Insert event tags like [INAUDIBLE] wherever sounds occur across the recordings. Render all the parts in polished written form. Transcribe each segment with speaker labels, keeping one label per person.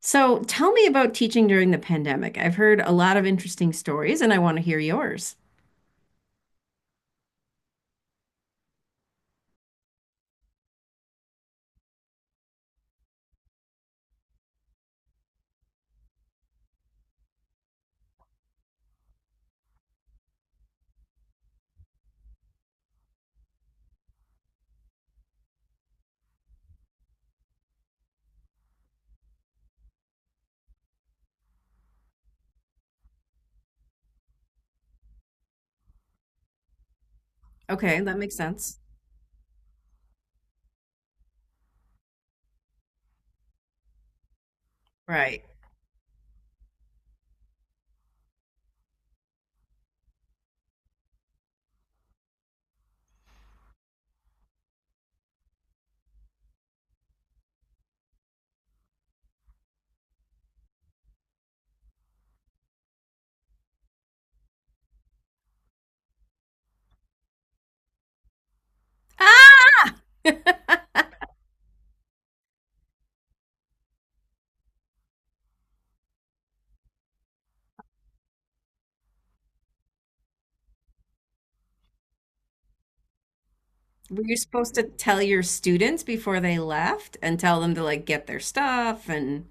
Speaker 1: So tell me about teaching during the pandemic. I've heard a lot of interesting stories and I want to hear yours. Okay, that makes sense. Right. Ah! Were you supposed to tell your students before they left and tell them to like get their stuff and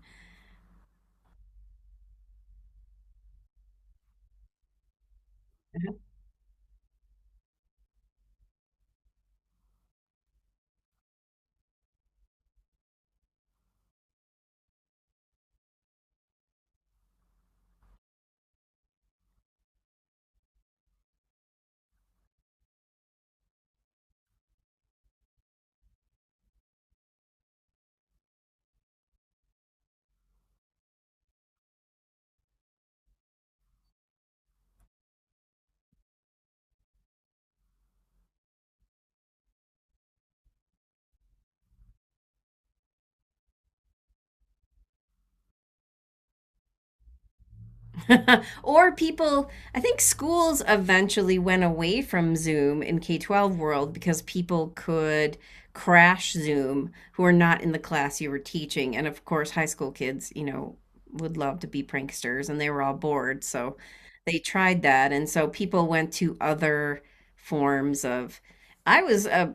Speaker 1: [LAUGHS] or people, I think schools eventually went away from Zoom in K 12 world because people could crash Zoom who are not in the class you were teaching. And of course, high school kids, you know, would love to be pranksters and they were all bored. So they tried that. And so people went to other forms of, I was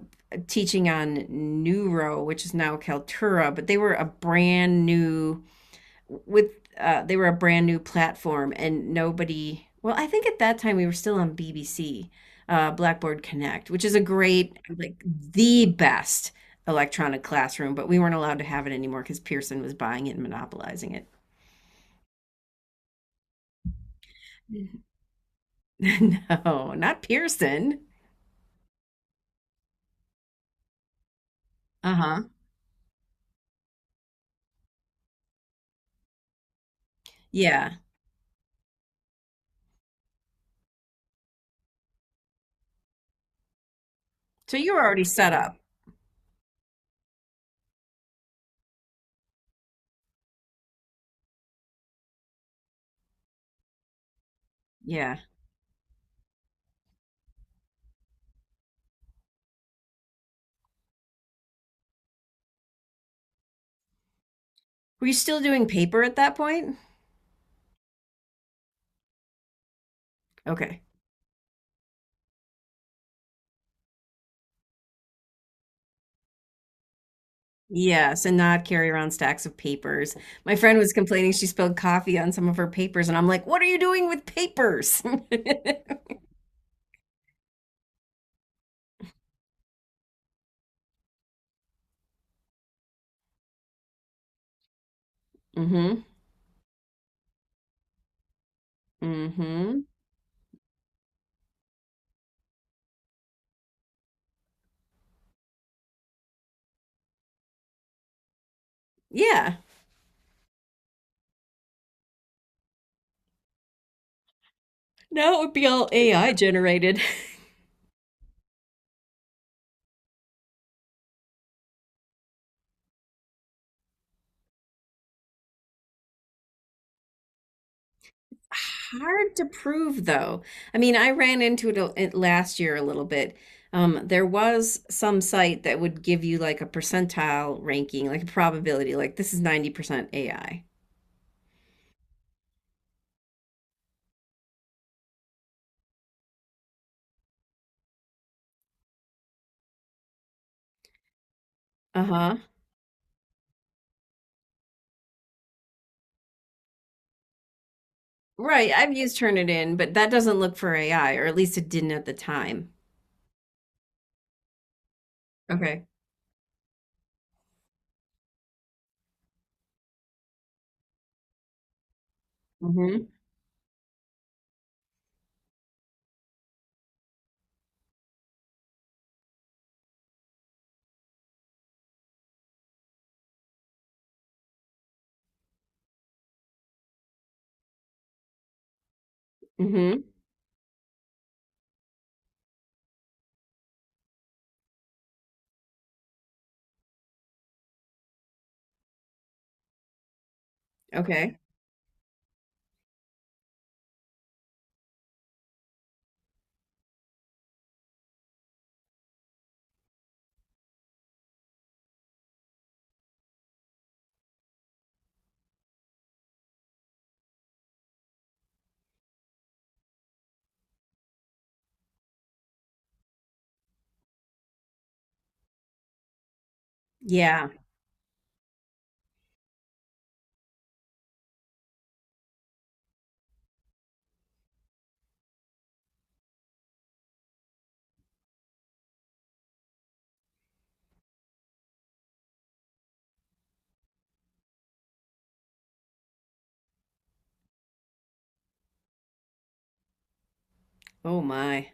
Speaker 1: teaching on Neuro, which is now Kaltura, but they were a brand new with they were a brand new platform and nobody. Well, I think at that time we were still on bbc, blackboard connect, which is a great, like the best electronic classroom, but we weren't allowed to have it anymore because pearson was buying it and monopolizing it. [LAUGHS] No, not pearson. Uh-huh. Yeah, so you were already set up. Yeah, were you still doing paper at that point? Okay. Yes, and not carry around stacks of papers. My friend was complaining she spilled coffee on some of her papers, and I'm like, what are you doing with papers? [LAUGHS] Mm-hmm. Mm-hmm. Yeah. Now it would be all AI generated. [LAUGHS] Hard to prove, though. I mean, I ran into it last year a little bit. There was some site that would give you like a percentile ranking, like a probability, like this is 90% AI. Uh-huh. Right, I've used Turnitin, but that doesn't look for AI, or at least it didn't at the time. Okay. Mm-hmm. Mm-hmm. Okay. Yeah. Oh my.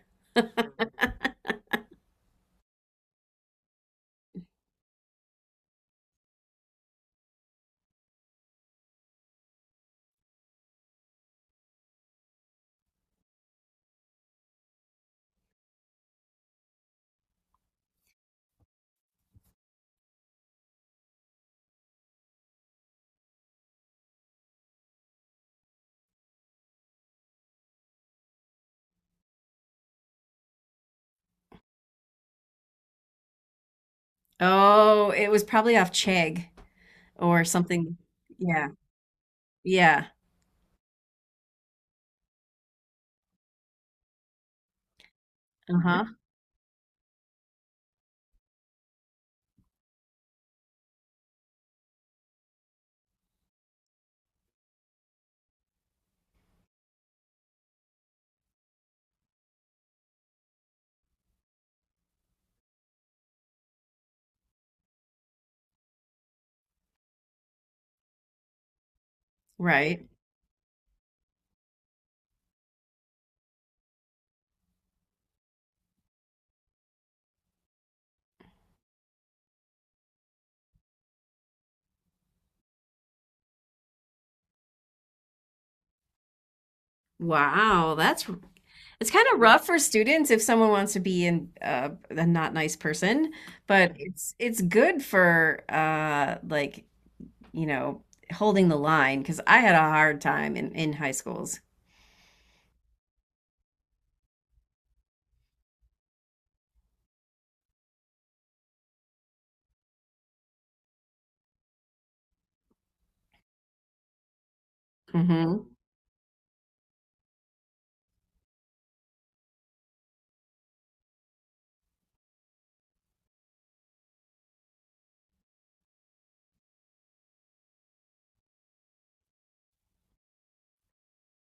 Speaker 1: Oh, it was probably off Chegg or something. Yeah. Yeah. Uh-huh. Right. Wow, that's, it's kind of rough for students if someone wants to be in a not nice person, but it's good for like, you know, holding the line because I had a hard time in high schools.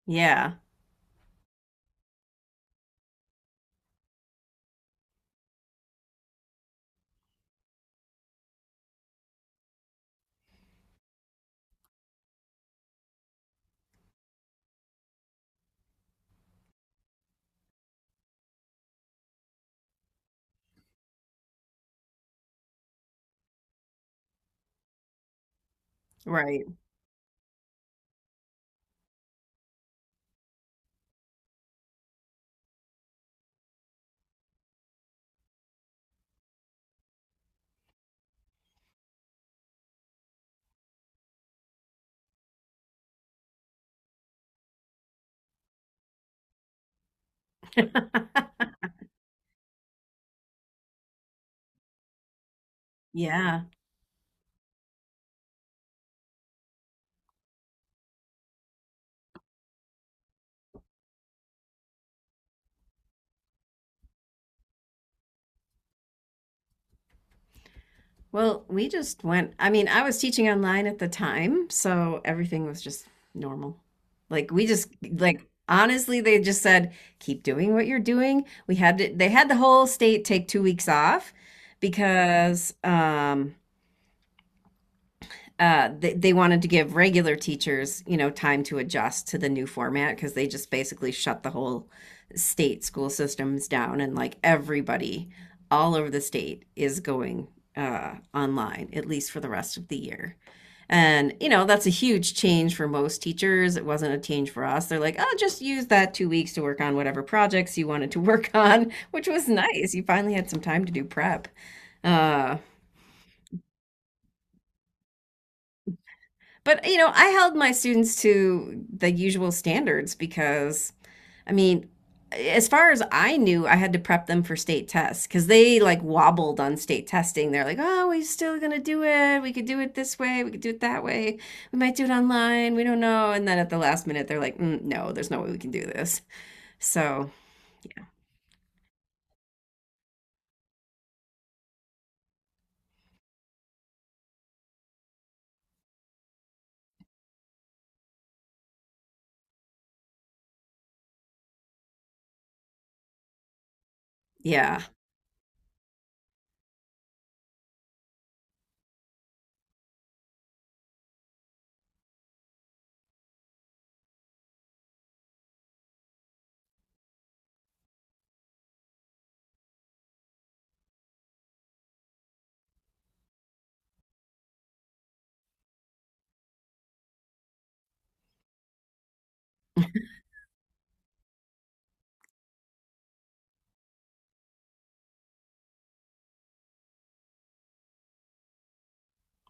Speaker 1: Yeah, right. [LAUGHS] Yeah. Well, we just went, I mean, I was teaching online at the time, so everything was just normal. Like we just, like honestly, they just said, keep doing what you're doing. They had the whole state take 2 weeks off because they wanted to give regular teachers, you know, time to adjust to the new format because they just basically shut the whole state school systems down and like everybody all over the state is going online, at least for the rest of the year. And, you know, that's a huge change for most teachers. It wasn't a change for us. They're like, oh, just use that 2 weeks to work on whatever projects you wanted to work [LAUGHS] on, which was nice. You finally had some time to do prep. Uh, But you know, I held my students to the usual standards because I mean, as far as I knew, I had to prep them for state tests because they like wobbled on state testing. They're like, "Oh, we're still gonna do it. We could do it this way. We could do it that way. We might do it online. We don't know." And then at the last minute, they're like, mm, "No, there's no way we can do this." So yeah,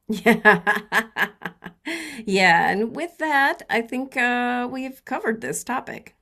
Speaker 1: [LAUGHS] yeah, yeah. And with that, I think we've covered this topic.